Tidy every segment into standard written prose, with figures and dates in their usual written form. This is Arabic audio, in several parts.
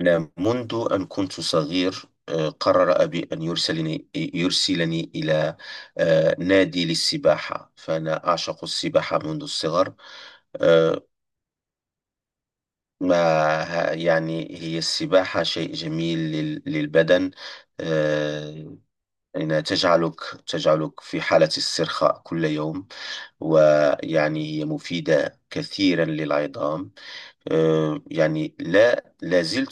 نعم، منذ أن كنت صغير، قرر أبي أن يرسلني إلى نادي للسباحة. فأنا أعشق السباحة منذ الصغر. آه، ما ه- يعني هي السباحة شيء جميل للبدن. آه، إنها تجعلك في حالة استرخاء كل يوم، ويعني هي مفيدة كثيرا للعظام. يعني لا زلت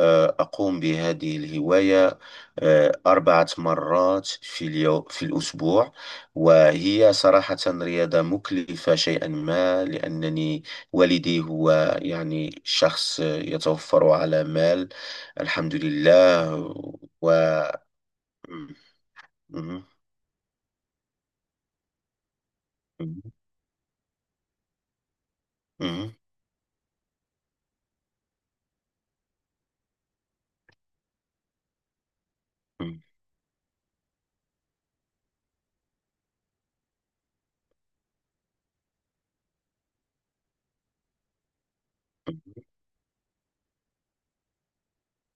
أقوم بهذه الهواية 4 مرات في اليوم، في الأسبوع. وهي صراحة رياضة مكلفة شيئا ما، لأنني والدي هو يعني شخص يتوفر على مال، الحمد لله. و مم، مم، مم، مم، مم.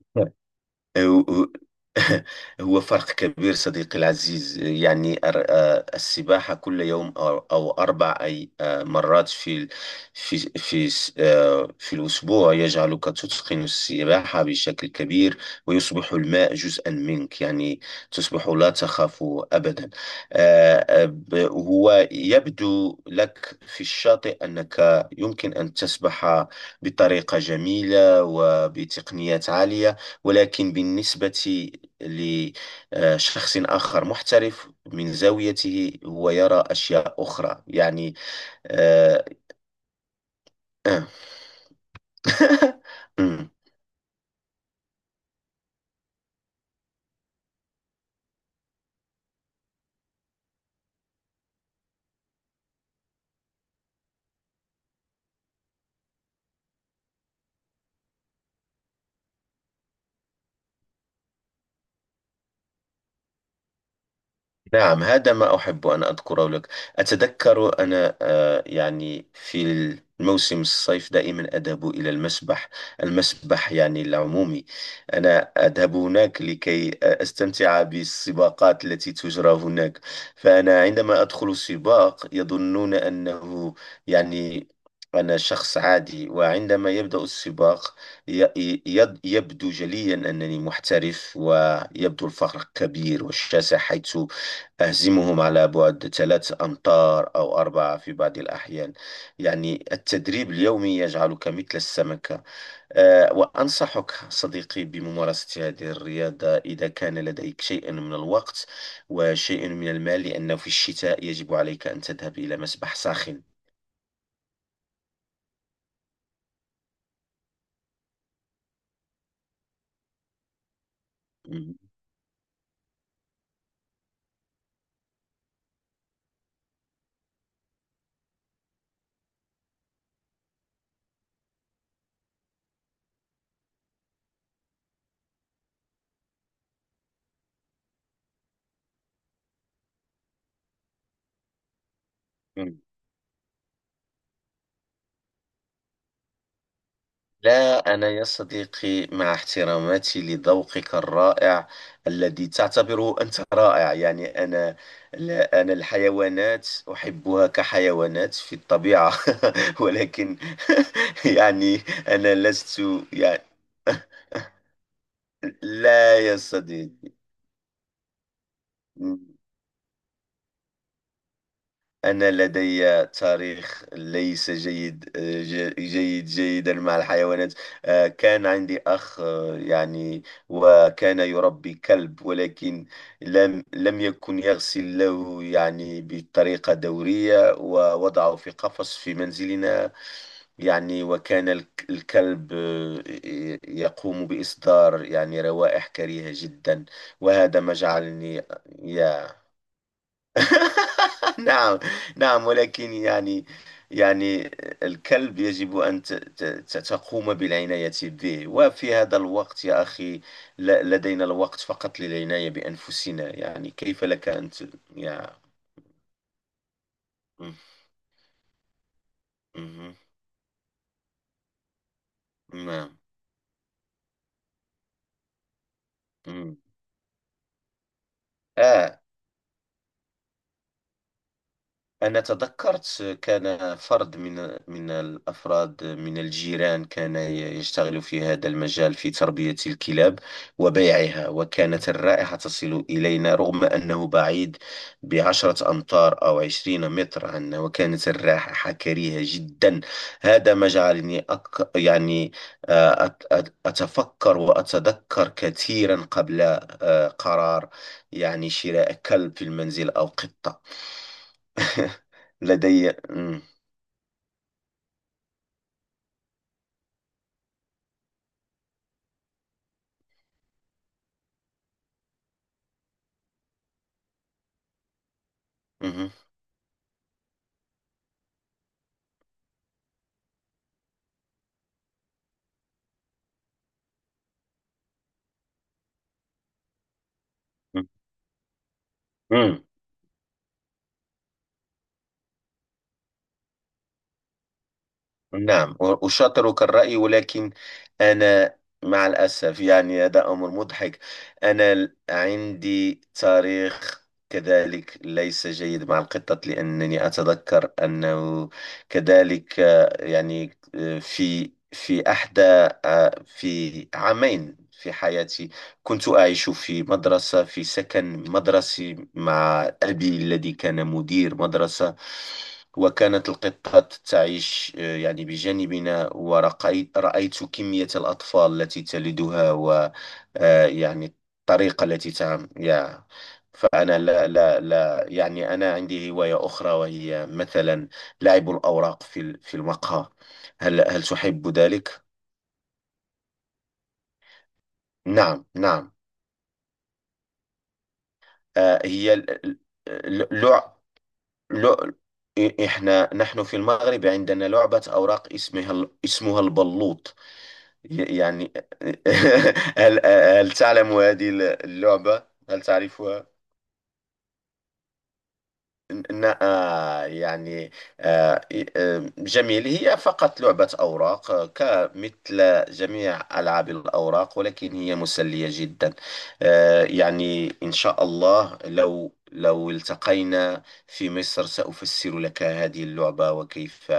هو هو فرق كبير صديقي العزيز. يعني السباحة كل يوم، أو أربع أي آه، مرات في ال- في في س- آه، في الأسبوع يجعلك تتقن السباحة بشكل كبير، ويصبح الماء جزءا منك. يعني تصبح لا تخاف أبدا. هو يبدو لك في الشاطئ أنك يمكن أن تسبح بطريقة جميلة وبتقنيات عالية، ولكن بالنسبة لشخص آخر محترف من زاويته، هو يرى أشياء أخرى يعني. آه، آه. نعم، هذا ما أحب أن أذكره لك. أتذكر أنا يعني في الموسم الصيف دائما أذهب إلى المسبح، المسبح يعني العمومي. أنا أذهب هناك لكي أستمتع بالسباقات التي تجرى هناك. فأنا عندما أدخل سباق يظنون أنه يعني أنا شخص عادي، وعندما يبدأ السباق يبدو جليا أنني محترف، ويبدو الفرق كبير والشاسع، حيث أهزمهم على بعد 3 أمتار أو 4 في بعض الأحيان. يعني التدريب اليومي يجعلك مثل السمكة. وأنصحك صديقي بممارسة هذه الرياضة إذا كان لديك شيء من الوقت وشيء من المال، لأنه في الشتاء يجب عليك أن تذهب إلى مسبح ساخن. لا، أنا يا صديقي مع احتراماتي لذوقك الرائع الذي تعتبره أنت رائع. يعني أنا، لا، أنا الحيوانات أحبها كحيوانات في الطبيعة، ولكن يعني أنا لست يعني لا يا صديقي، أنا لدي تاريخ ليس جيد جيد جيدا مع الحيوانات. كان عندي أخ يعني، وكان يربي كلب، ولكن لم يكن يغسل له يعني بطريقة دورية، ووضعه في قفص في منزلنا. يعني وكان الكلب يقوم بإصدار يعني روائح كريهة جدا، وهذا ما جعلني آه، يا نعم، نعم، ولكن يعني، يعني الكلب يجب أن تقوم بالعناية به، وفي هذا الوقت يا أخي لدينا الوقت فقط للعناية بأنفسنا. يعني كيف لك أن ت. يا مم، مم، نعم، مم. آه أنا تذكرت. كان فرد من الأفراد من الجيران كان يشتغل في هذا المجال، في تربية الكلاب وبيعها، وكانت الرائحة تصل إلينا رغم أنه بعيد بـ10 أمتار أو 20 متر عنا، وكانت الرائحة كريهة جدا. هذا ما جعلني أك يعني آه، أت- أت- أتفكر وأتذكر كثيرا قبل قرار، يعني، شراء كلب في المنزل أو قطة. مم، مم، مم. نعم، أشاطرك الرأي، ولكن أنا مع الأسف يعني هذا أمر مضحك. أنا عندي تاريخ كذلك ليس جيد مع القطط، لأنني أتذكر أنه كذلك في أحدى في 2 عام في حياتي، كنت أعيش في مدرسة، في سكن مدرسي مع أبي الذي كان مدير مدرسة. وكانت القطة تعيش يعني بجانبنا، ورأيت كمية الأطفال التي تلدها، و يعني الطريقة التي تعم. فأنا لا، لا، لا، يعني أنا عندي هواية أخرى، وهي مثلا لعب الأوراق في المقهى. هل تحب ذلك؟ نعم، نعم. آه، هي ال- ال- ال- لع لع إ- إحنا نحن في المغرب عندنا لعبة أوراق اسمها البلوط. يعني، هل تعلم هذه اللعبة؟ هل تعرفها؟ ن- آه، يعني جميل. هي فقط لعبة أوراق كمثل جميع ألعاب الأوراق، ولكن هي مسلية جدا. يعني إن شاء الله، لو التقينا في مصر سأفسر لك هذه اللعبة، وكيف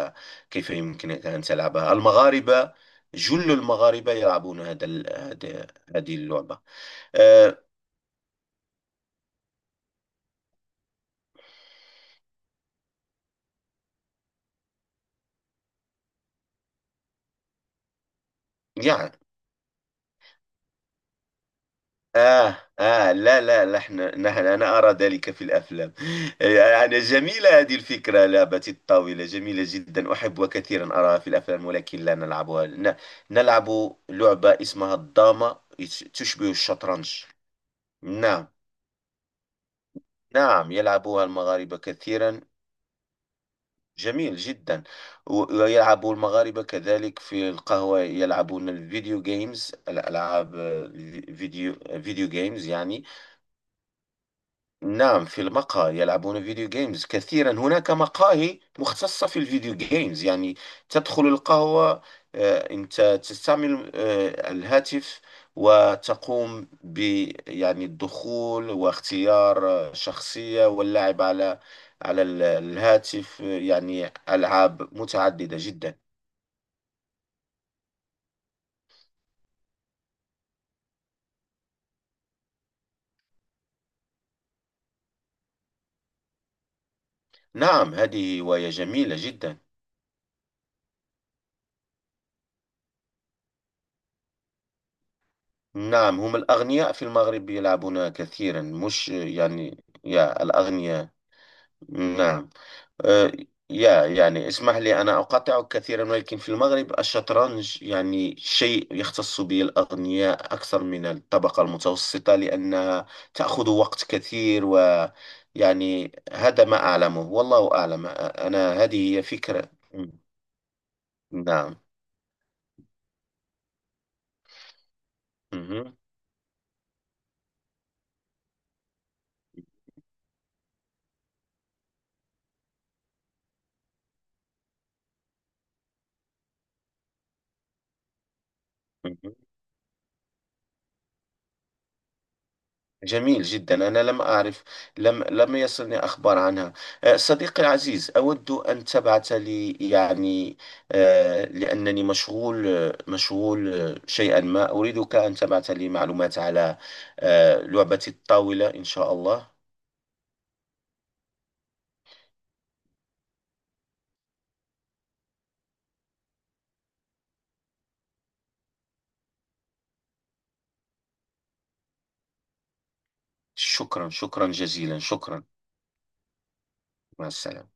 يمكنك أن تلعبها. المغاربة، جل المغاربة يلعبون هذه اللعبة. آه، يعني لا، لا نحن نحن أنا أرى ذلك في الأفلام. يعني جميلة هذه الفكرة، لعبة الطاولة جميلة جدا، أحب كثيرا أراها في الأفلام، ولكن لا نلعبها. نلعب لعبة اسمها الدامة، تشبه الشطرنج. نعم، نعم، يلعبها المغاربة كثيرا. جميل جدا. ويلعب المغاربة كذلك في القهوة، يلعبون الفيديو جيمز، الألعاب آه، الفيديو فيديو جيمز يعني. نعم، في المقهى يلعبون فيديو جيمز كثيرا. هناك مقاهي مختصة في الفيديو جيمز، يعني تدخل القهوة، أنت تستعمل الهاتف، وتقوم ب، يعني، الدخول واختيار شخصية، واللعب على الهاتف. يعني ألعاب متعددة جدا. نعم، هذه هواية جميلة جدا. نعم، هم الأغنياء في المغرب يلعبون كثيرا. مش يعني الأغنياء. نعم، آه، يا يعني اسمح لي، أنا أقاطعك كثيرا، ولكن في المغرب الشطرنج يعني شيء يختص به الأغنياء أكثر من الطبقة المتوسطة، لأنها تأخذ وقت كثير. ويعني هذا ما أعلمه، والله أعلم، أنا هذه هي فكرة. نعم. مهم. جميل جدا، أنا لم أعرف، لم يصلني أخبار عنها. صديقي العزيز، أود أن تبعث لي، يعني، لأنني مشغول، مشغول شيئا ما. أريدك أن تبعث لي معلومات على لعبة الطاولة، إن شاء الله. شكرا، شكرا جزيلا، شكرا. مع السلامة.